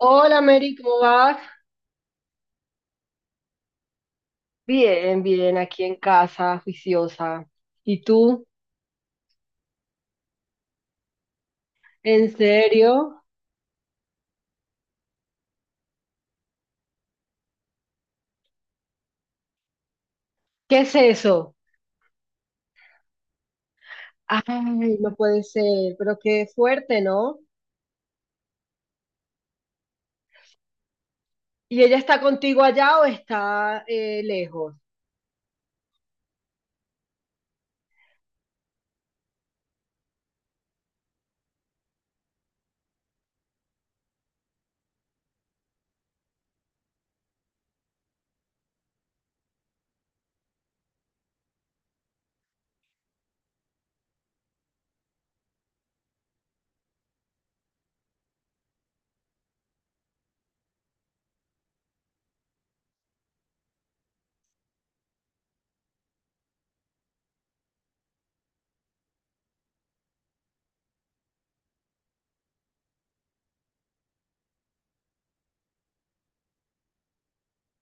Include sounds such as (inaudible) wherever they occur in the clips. Hola Mary, ¿cómo vas? Bien, bien, aquí en casa, juiciosa. ¿Y tú? ¿En serio? ¿Qué es eso? Ay, no puede ser, pero qué fuerte, ¿no? ¿Y ella está contigo allá o está lejos?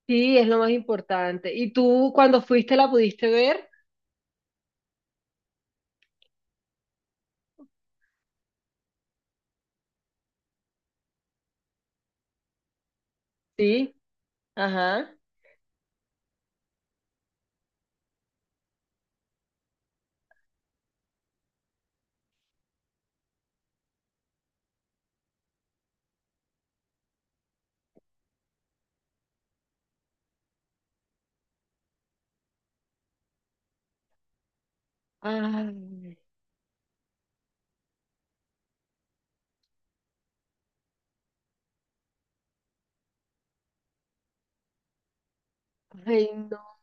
Sí, es lo más importante. ¿Y tú cuando fuiste la pudiste ver? Sí, ajá. Ay, ay, no.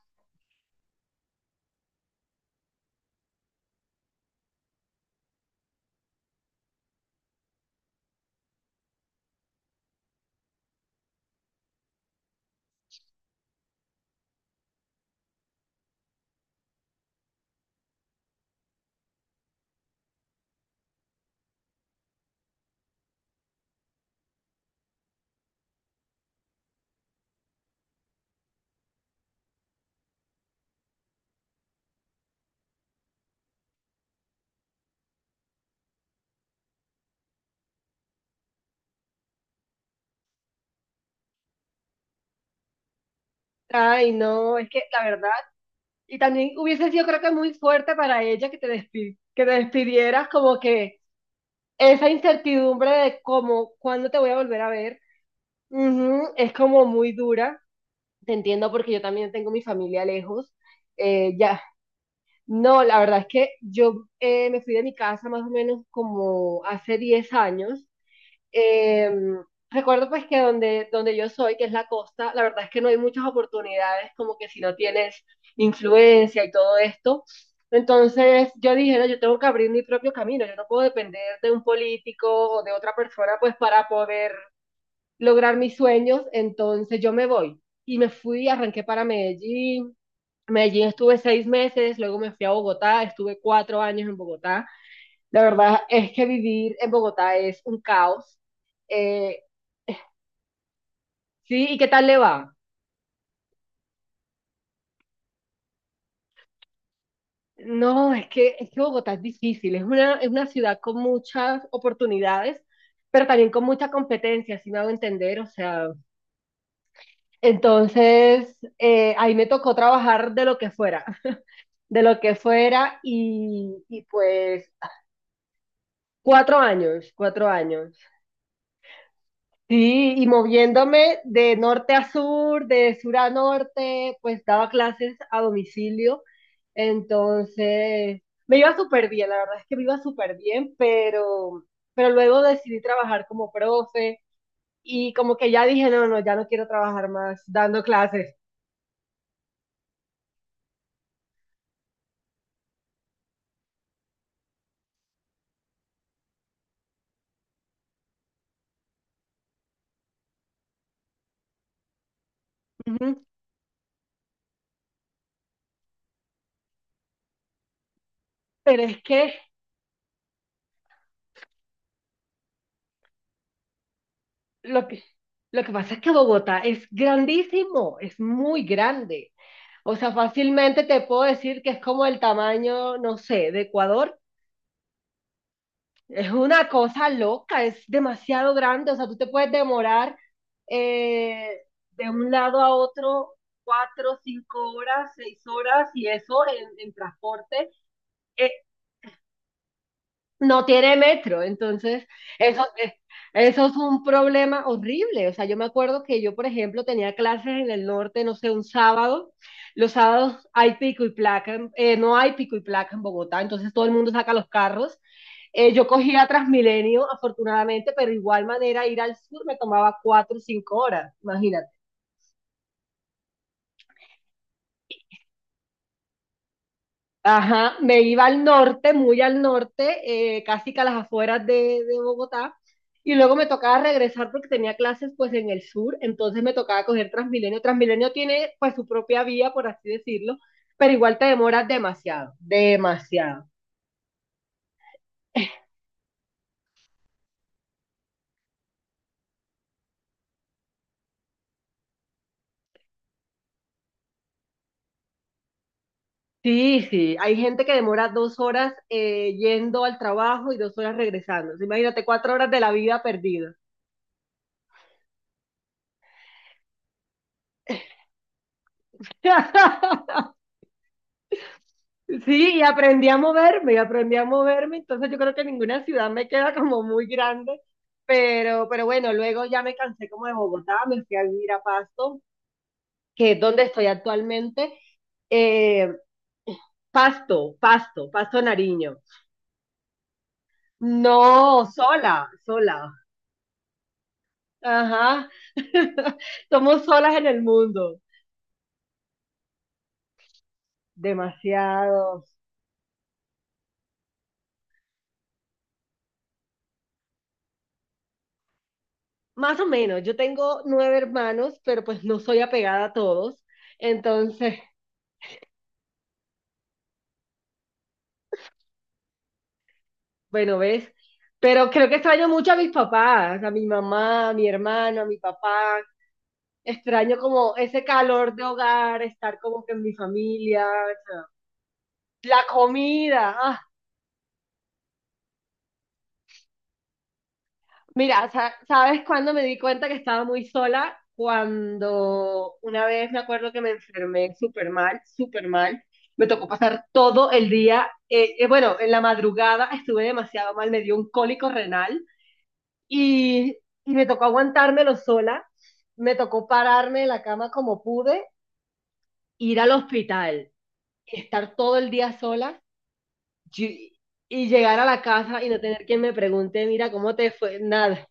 Ay, no, es que la verdad, y también hubiese sido creo que muy fuerte para ella que que te despidieras, como que esa incertidumbre de cómo, cuándo te voy a volver a ver, ujú, es como muy dura. Te entiendo porque yo también tengo mi familia lejos. Ya, no, la verdad es que yo me fui de mi casa más o menos como hace 10 años. eh, recuerdo pues que donde yo soy, que es la costa, la verdad es que no hay muchas oportunidades, como que si no tienes influencia y todo esto. Entonces yo dije, "No, yo tengo que abrir mi propio camino, yo no puedo depender de un político o de otra persona pues para poder lograr mis sueños, entonces yo me voy." Y me fui, arranqué para Medellín. Medellín estuve 6 meses, luego me fui a Bogotá, estuve 4 años en Bogotá. La verdad es que vivir en Bogotá es un caos. Eh, Sí, ¿y qué tal le va? No, es que Bogotá es difícil, es una ciudad con muchas oportunidades, pero también con mucha competencia, si me hago entender, o sea, entonces ahí me tocó trabajar de lo que fuera, de lo que fuera, y pues 4 años, 4 años. Sí, y moviéndome de norte a sur, de sur a norte, pues daba clases a domicilio. Entonces, me iba súper bien, la verdad es que me iba súper bien, pero luego decidí trabajar como profe y como que ya dije, no, no, ya no quiero trabajar más dando clases. Ujú. Pero es que lo que, lo que pasa es que Bogotá es grandísimo, es muy grande. O sea, fácilmente te puedo decir que es como el tamaño, no sé, de Ecuador. Es una cosa loca, es demasiado grande, o sea, tú te puedes demorar eh, de un lado a otro 4, 5 horas, 6 horas y eso en transporte. eh, no tiene metro, entonces eso, eh, eso es un problema horrible. O sea, yo me acuerdo que yo, por ejemplo, tenía clases en el norte, no sé, un sábado. Los sábados hay pico y placa, no hay pico y placa en Bogotá, entonces todo el mundo saca los carros, yo cogía Transmilenio, afortunadamente, pero de igual manera ir al sur me tomaba 4 o 5 horas, imagínate. Ajá, me iba al norte, muy al norte, casi que a las afueras de Bogotá, y luego me tocaba regresar porque tenía clases pues en el sur, entonces me tocaba coger Transmilenio. Transmilenio tiene pues su propia vía, por así decirlo, pero igual te demoras demasiado, demasiado. Sí, sí, hay gente que demora 2 horas yendo al trabajo y 2 horas regresando. Entonces, imagínate, 4 horas de la vida perdida. (laughs) Sí, y aprendí a moverme, y aprendí a moverme, entonces yo creo que ninguna ciudad me queda como muy grande, pero bueno, luego ya me cansé como de Bogotá, me fui a vivir a Pasto, que es donde estoy actualmente. Eh, Pasto, Pasto, Pasto Nariño. No, sola, sola. Ajá. (laughs) Somos solas en el mundo. Demasiados. Más o menos, yo tengo 9 hermanos, pero pues no soy apegada a todos. Entonces, bueno, ¿ves? Pero creo que extraño mucho a mis papás, a mi mamá, a mi hermano, a mi papá. Extraño como ese calor de hogar, estar como que en mi familia, o sea, la comida. ¡Ah! Mira, ¿sabes cuándo me di cuenta que estaba muy sola? Cuando una vez me acuerdo que me enfermé súper mal, súper mal. Me tocó pasar todo el día, bueno, en la madrugada estuve demasiado mal, me dio un cólico renal y, y me tocó aguantármelo sola. Me tocó pararme de la cama como pude, ir al hospital, estar todo el día sola y y llegar a la casa y no tener quien me pregunte, mira, ¿cómo te fue? Nada.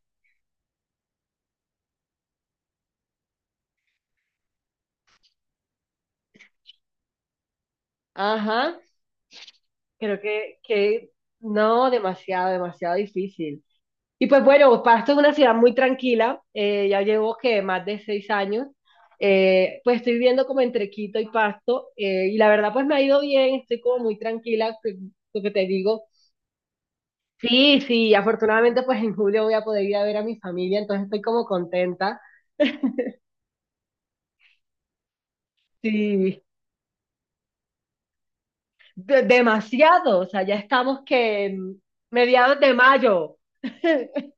Ajá. Creo que no, demasiado, demasiado difícil. Y pues bueno, Pasto es una ciudad muy tranquila, ya llevo que más de 6 años, pues estoy viviendo como entre Quito y Pasto, y la verdad pues me ha ido bien, estoy como muy tranquila, lo que te digo. Sí, sí, afortunadamente pues en julio voy a poder ir a ver a mi familia, entonces estoy como contenta. (laughs) Sí, demasiado, o sea, ya estamos que en mediados de mayo, (laughs)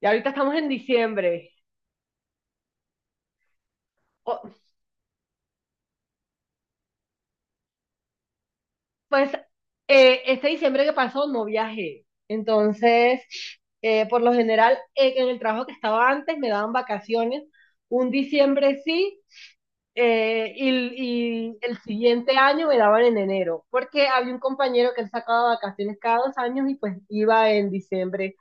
y ahorita estamos en diciembre. Pues este diciembre que pasó no viajé. Entonces, por lo general, en el trabajo que estaba antes me daban vacaciones. Un diciembre sí, eh, y, y el siguiente año me daban en enero, porque había un compañero que él sacaba vacaciones cada 2 años y pues iba en diciembre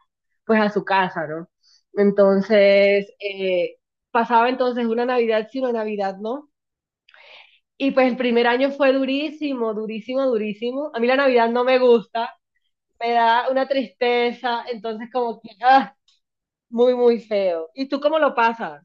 pues a su casa, ¿no? Entonces, pasaba entonces una Navidad sí, una Navidad no. Y pues el primer año fue durísimo, durísimo, durísimo. A mí la Navidad no me gusta, me da una tristeza, entonces como que, ah, muy, muy feo. ¿Y tú cómo lo pasas?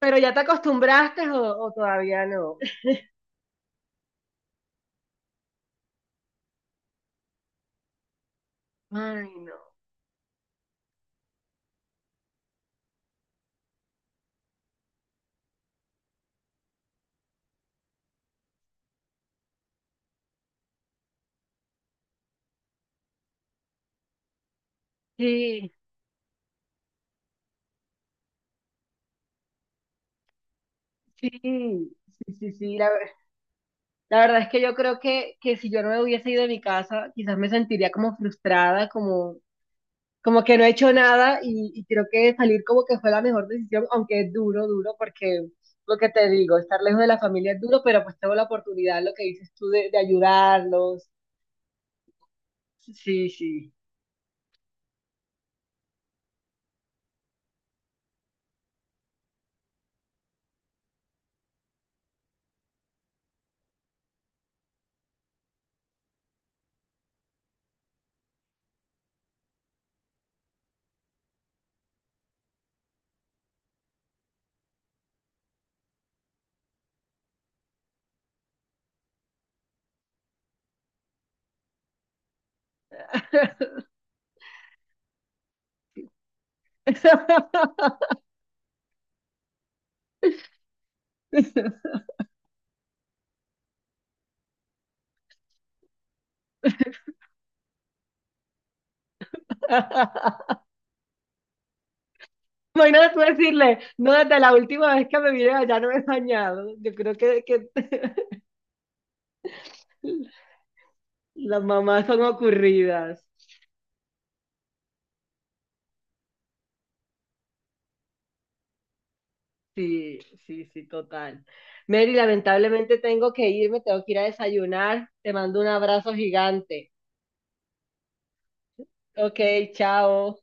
¿Pero ya te acostumbraste o todavía no? Ay, no. Sí, sí, sí, sí, sí. La verdad es que yo creo que si yo no me hubiese ido de mi casa, quizás me sentiría como frustrada, como, como que no he hecho nada y, y creo que salir como que fue la mejor decisión, aunque es duro, duro, porque lo que te digo, estar lejos de la familia es duro, pero pues tengo la oportunidad, lo que dices tú, de ayudarlos. Sí, sí. (laughs) Imagínate tú decirle, no, desde la última vez que me vine allá no me he bañado. Yo creo que (laughs) las mamás son ocurridas. Sí, sí, sí, total. Mary, lamentablemente tengo que irme, tengo que ir a desayunar. Te mando un abrazo gigante. Ok, chao.